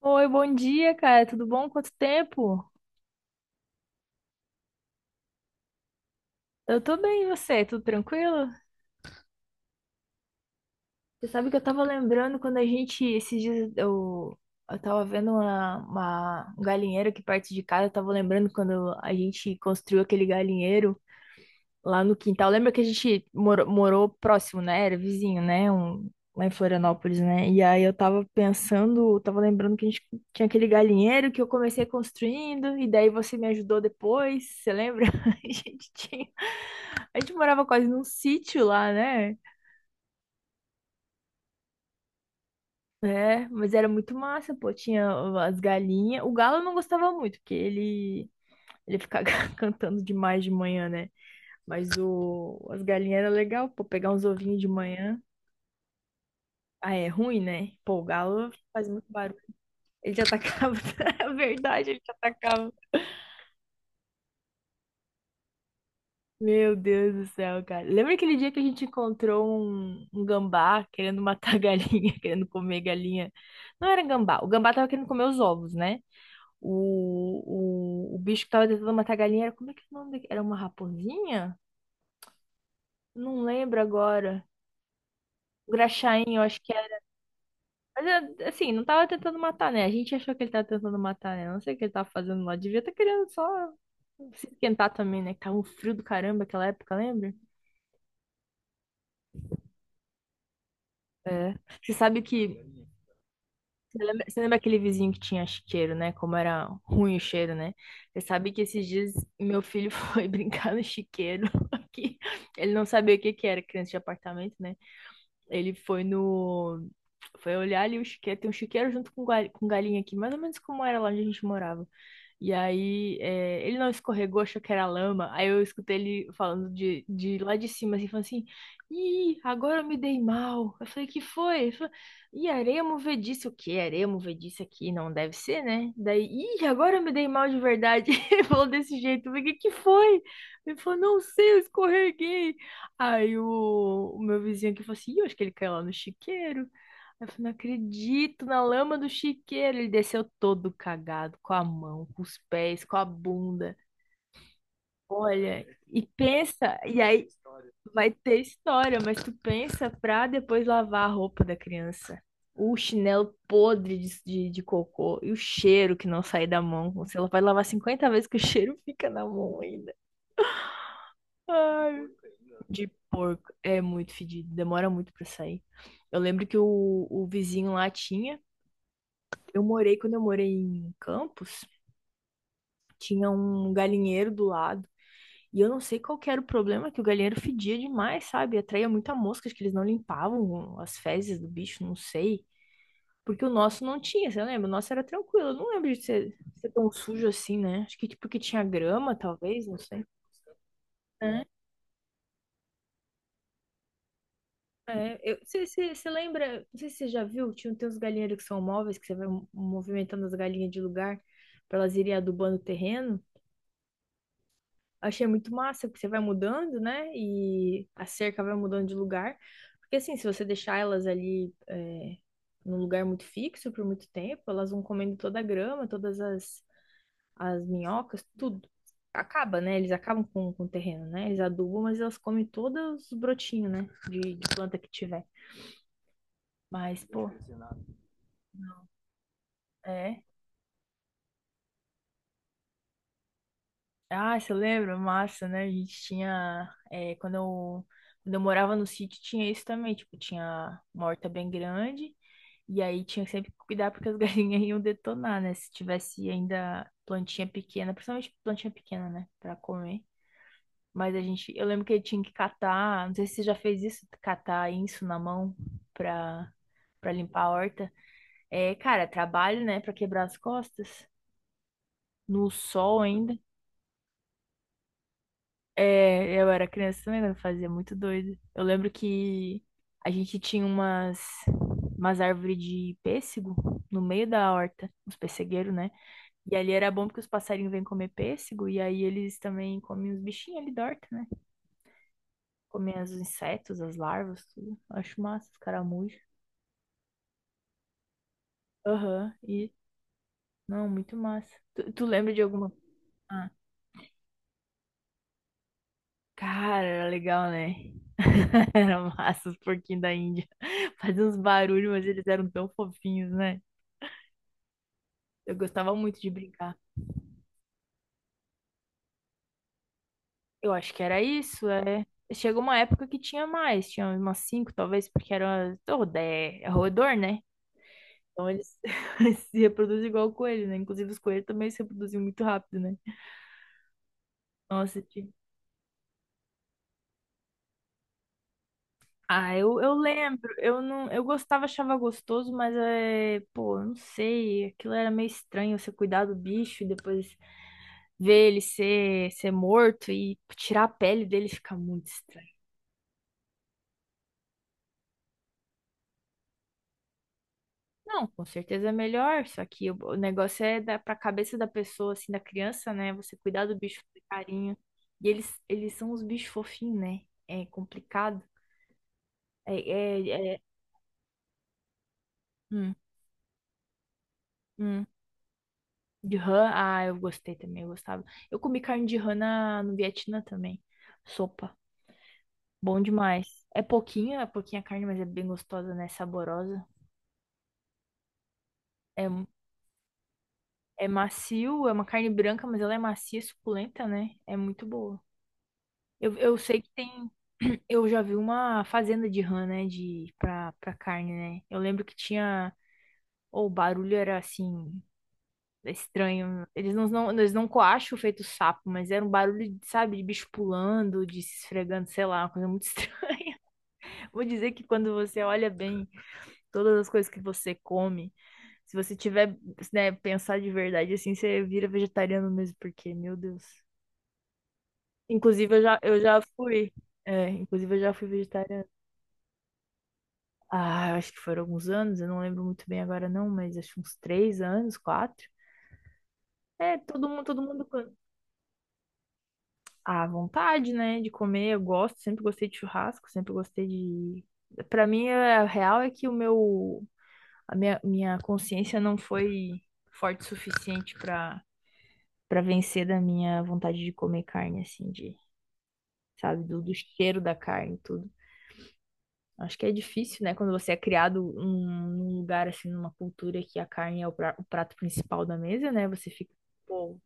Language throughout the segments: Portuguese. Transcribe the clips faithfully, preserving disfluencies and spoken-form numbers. Oi, bom dia, cara. Tudo bom? Quanto tempo? Eu tô bem, e você? Tudo tranquilo? Você sabe que eu tava lembrando quando a gente, esses dias, eu, eu tava vendo uma, uma- um galinheiro aqui perto de casa. Eu tava lembrando quando a gente construiu aquele galinheiro lá no quintal. Lembra que a gente morou, morou próximo, né? Era vizinho, né? Um, lá em Florianópolis, né? E aí eu tava pensando, eu tava lembrando que a gente tinha aquele galinheiro que eu comecei construindo, e daí você me ajudou depois, você lembra? A gente tinha. A gente morava quase num sítio lá, né? É, mas era muito massa, pô. Tinha as galinhas. O galo eu não gostava muito, porque ele, ele ficava cantando demais de manhã, né? Mas o, as galinhas era legal, pô, pegar uns ovinhos de manhã. Ah, é ruim, né? Pô, o galo faz muito barulho. Ele te atacava. É verdade, ele te atacava. Meu Deus do céu, cara. Lembra aquele dia que a gente encontrou um, um gambá querendo matar a galinha, querendo comer galinha? Não era gambá. O gambá tava querendo comer os ovos, né? O, o, o bicho que tava tentando matar a galinha era... Como é que é o nome daquele? Era uma raposinha? Não lembro agora. O graxaim, eu acho que era. Mas, é, assim, não tava tentando matar, né? A gente achou que ele tava tentando matar, né? Não sei o que ele tava fazendo lá. Devia estar querendo só se esquentar também, né? Que tava um frio do caramba aquela época, lembra? É. Você sabe que. Você lembra, você lembra aquele vizinho que tinha chiqueiro, né? Como era ruim o cheiro, né? Você sabe que esses dias meu filho foi brincar no chiqueiro aqui. Ele não sabia o que que era criança de apartamento, né? Ele foi no. Foi olhar ali o chiqueiro. Tem um chiqueiro junto com, gal- com galinha aqui, mais ou menos como era lá onde a gente morava. E aí, é, ele não escorregou, achou que era lama. Aí eu escutei ele falando de, de lá de cima, assim, falando assim: Ih, agora eu me dei mal. Eu falei: Que foi? Ele falou: Ih, areia movediça. O quê? Areia movediça aqui? Não deve ser, né? Daí, Ih, agora eu me dei mal de verdade. Ele falou desse jeito. Eu falei: Que que foi? Ele falou: Não sei, eu escorreguei. Aí o, o meu vizinho aqui falou assim: Ih, eu acho que ele caiu lá no chiqueiro. Aí eu falei: não acredito, na lama do chiqueiro. Ele desceu todo cagado, com a mão, com os pés, com a bunda. Olha, e pensa, e aí vai ter história, mas tu pensa pra depois lavar a roupa da criança. O chinelo podre de, de, de cocô e o cheiro que não sai da mão. Você vai lavar cinquenta vezes que o cheiro fica na mão ainda. Ai, de porco é muito fedido, demora muito pra sair. Eu lembro que o, o vizinho lá tinha. Eu morei, quando eu morei em Campos, tinha um galinheiro do lado. E eu não sei qual que era o problema, que o galinheiro fedia demais, sabe? Atraía muita mosca, acho que eles não limpavam as fezes do bicho, não sei. Porque o nosso não tinha, você lembra? O nosso era tranquilo. Eu não lembro de ser, ser tão sujo assim, né? Acho que tipo que tinha grama, talvez, não sei. É, é, eu, você, você, você lembra, não sei se você já viu, tinha tem uns galinheiros que são móveis, que você vai movimentando as galinhas de lugar para elas irem adubando o terreno. Achei muito massa, porque você vai mudando, né? E a cerca vai mudando de lugar. Porque assim, se você deixar elas ali é, num lugar muito fixo por muito tempo, elas vão comendo toda a grama, todas as, as minhocas, tudo. Acaba, né? Eles acabam com, com o terreno, né? Eles adubam, mas elas comem todos os brotinhos, né? De, de planta que tiver. Mas, pô. É. Ah, você lembra? Massa, né? A gente tinha. É, quando eu, quando eu morava no sítio, tinha isso também. Tipo, tinha uma horta bem grande. E aí tinha que sempre cuidar porque as galinhas iam detonar, né? Se tivesse ainda plantinha pequena, principalmente plantinha pequena, né? Pra comer. Mas a gente. Eu lembro que eu tinha que catar. Não sei se você já fez isso, catar isso na mão pra, pra limpar a horta. É, cara, trabalho, né? Pra quebrar as costas. No sol ainda. É, eu era criança também, quando fazia muito doido. Eu lembro que a gente tinha umas, umas árvores de pêssego no meio da horta, uns pessegueiros, né? E ali era bom porque os passarinhos vêm comer pêssego e aí eles também comem os bichinhos ali da horta, né? Comem os insetos, as larvas, tudo. Acho massa, os caramujos. Aham, e... Não, muito massa. Tu, tu lembra de alguma... Cara, era legal, né? Era massa os porquinhos da Índia. Faziam uns barulhos, mas eles eram tão fofinhos, né? Eu gostava muito de brincar. Eu acho que era isso, é. Chegou uma época que tinha mais, tinha umas cinco, talvez, porque era rodé, é roedor, né? Então eles se reproduzem igual o coelho, né? Inclusive os coelhos também se reproduziam muito rápido, né? Nossa, ah, eu, eu lembro, eu não, eu gostava, achava gostoso, mas é, pô, eu não sei, aquilo era meio estranho, você cuidar do bicho e depois ver ele ser, ser morto e tirar a pele dele fica muito estranho. Não, com certeza é melhor, só que o, o negócio é da, pra cabeça da pessoa, assim, da criança, né, você cuidar do bicho com carinho, e eles, eles são os bichos fofinhos, né, é complicado, é, é, é- hum, hum. De rã, ah, eu gostei também, eu gostava. Eu comi carne de rã na, no Vietnã também. Sopa, bom demais. É pouquinha, é pouquinha carne, mas é bem gostosa, né? Saborosa. É, é macio, é uma carne branca, mas ela é macia, suculenta, né? É muito boa. Eu, eu sei que tem. Eu já vi uma fazenda de rã, né? De, pra, pra carne, né? Eu lembro que tinha. Ou o barulho era assim. É estranho. Eles não, não, eles não coacham feito sapo, mas era um barulho, sabe, de bicho pulando, de se esfregando, sei lá, uma coisa muito estranha. Vou dizer que quando você olha bem todas as coisas que você come, se você tiver, né, pensar de verdade assim, você vira vegetariano mesmo, porque, meu Deus. Inclusive, eu já, eu já fui. É, inclusive, eu já fui vegetariana. Ah, eu acho que foram alguns anos, eu não lembro muito bem agora não, mas acho que uns três anos, quatro. É, todo mundo, todo mundo. A vontade, né, de comer. Eu gosto, sempre gostei de churrasco, sempre gostei de. Pra mim, a real é que o meu, a minha, minha consciência não foi forte o suficiente pra para vencer da minha vontade de comer carne, assim, de, sabe, do, do cheiro da carne, e tudo. Acho que é difícil, né, quando você é criado num, num lugar, assim, numa cultura que a carne é o, pra- o prato principal da mesa, né, você fica, pô,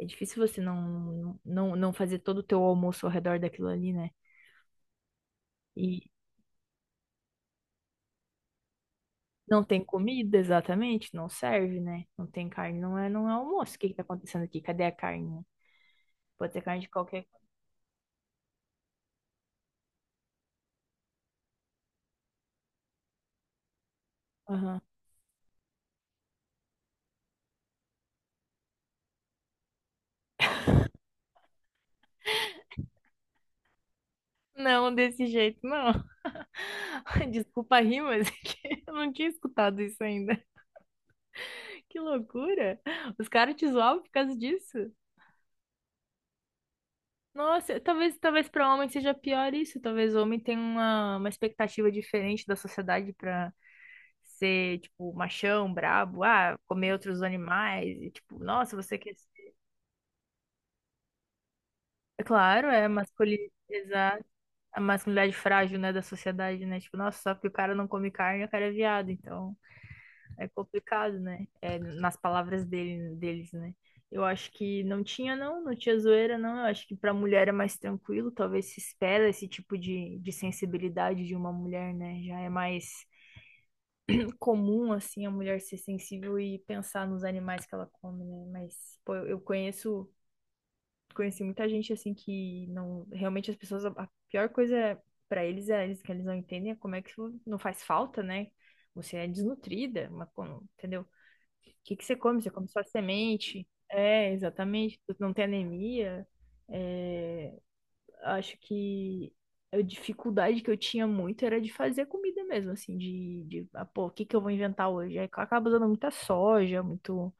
é difícil você não, não, não fazer todo o teu almoço ao redor daquilo ali, né? E não tem comida, exatamente, não serve, né? Não tem carne, não é, não é almoço. O que que tá acontecendo aqui? Cadê a carne? Pode ter carne de qualquer coisa. Aham. Não, desse jeito, não. Desculpa a rir, mas é que eu não tinha escutado isso ainda. Que loucura! Os caras te zoavam por causa disso? Nossa, talvez, talvez para homem seja pior isso. Talvez o homem tenha uma, uma expectativa diferente da sociedade para ser, tipo, machão, brabo, ah, comer outros animais, e, tipo, nossa, você quer claro, é a masculinidade, exato, a masculinidade frágil, né, da sociedade, né? Tipo, nossa, só porque o cara não come carne, o cara é viado. Então, é complicado, né? É, nas palavras dele, deles, né? Eu acho que não tinha, não, não tinha zoeira, não. Eu acho que pra mulher é mais tranquilo, talvez se espera esse tipo de, de sensibilidade de uma mulher, né? Já é mais comum, assim, a mulher ser sensível e pensar nos animais que ela come, né? Mas, pô, eu eu conheço conheci muita gente assim que não. Realmente as pessoas. A pior coisa para eles é eles que eles não entendem é como é que não faz falta, né? Você é desnutrida, mas como, entendeu? O que que você come? Você come só semente? É, exatamente. Tu não tem anemia. É, acho que a dificuldade que eu tinha muito era de fazer comida mesmo, assim, de, de ah, pô, o que que eu vou inventar hoje? Aí acaba usando muita soja, muito,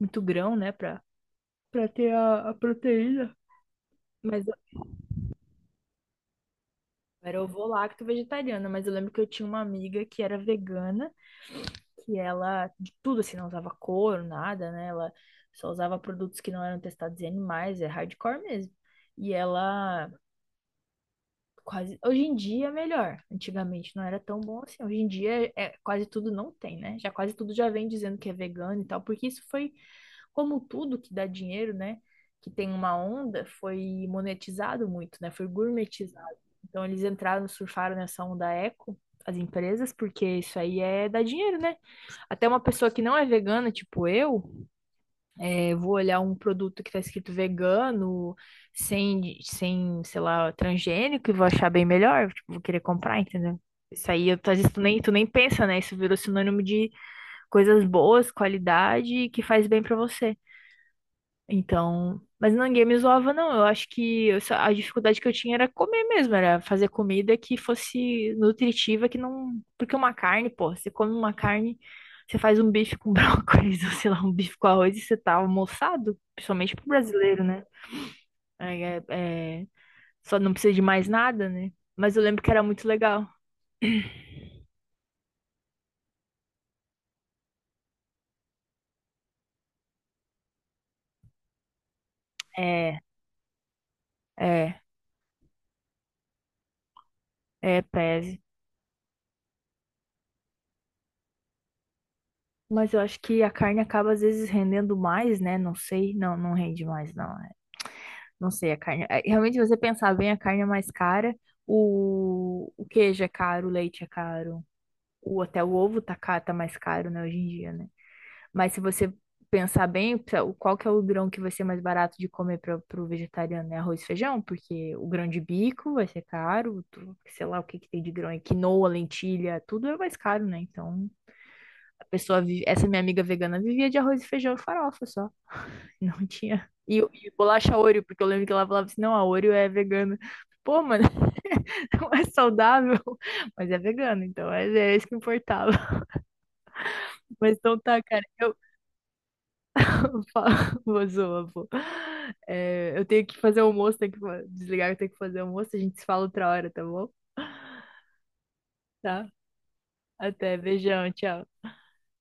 muito grão, né, pra, pra ter a, a proteína. Mas eu era ovo-lacto vegetariana, mas eu lembro que eu tinha uma amiga que era vegana, que ela de tudo assim, não usava couro, nada, né? Ela só usava produtos que não eram testados em animais, é hardcore mesmo. E ela quase. Hoje em dia é melhor. Antigamente não era tão bom assim. Hoje em dia é é, quase tudo não tem, né? Já quase tudo já vem dizendo que é vegano e tal, porque isso foi como tudo que dá dinheiro, né? Que tem uma onda, foi monetizado muito, né? Foi gourmetizado. Então eles entraram, surfaram nessa onda eco, as empresas, porque isso aí é dar dinheiro, né? Até uma pessoa que não é vegana, tipo eu, é, eu vou olhar um produto que está escrito vegano, sem, sem, sei lá, transgênico, e vou achar bem melhor, tipo, vou querer comprar, entendeu? Isso aí, eu- às vezes tu nem, tu nem pensa, né? Isso virou sinônimo de coisas boas, qualidade, e que faz bem pra você. Então, mas ninguém me zoava, não. Eu acho que eu só- a dificuldade que eu tinha era comer mesmo, era fazer comida que fosse nutritiva, que não. Porque uma carne, pô, você come uma carne, você faz um bife com brócolis, ou sei lá, um bife com arroz e você tá almoçado, principalmente pro brasileiro, né? É, é- é- só não precisa de mais nada, né? Mas eu lembro que era muito legal. É, é, é, pese. Mas eu acho que a carne acaba às vezes rendendo mais, né? Não sei, não, não rende mais, não. Não sei, a carne. É, realmente, se você pensar bem, a carne é mais cara, o, o queijo é caro, o leite é caro, o, até o ovo tá, ca- tá mais caro, né, hoje em dia, né? Mas se você pensar bem, o- qual que é o grão que vai ser mais barato de comer para o vegetariano? É arroz e feijão, porque o grão de bico vai ser caro, tu- sei lá o que que tem de grão aí, quinoa, lentilha, tudo é mais caro, né? Então, a pessoa vive, essa minha amiga vegana vivia de arroz e feijão e farofa só. Não tinha. E, e bolacha Oreo, porque eu lembro que ela falava assim, não, a Oreo é vegana. Pô, mano, não é saudável, mas é vegano, então é, é isso que importava. Mas então tá, cara, eu falo, vou zoar, pô. É, eu tenho que fazer almoço, tenho que fa- desligar, eu tenho que fazer almoço, a gente se fala outra hora, tá bom? Tá? Até, beijão, tchau.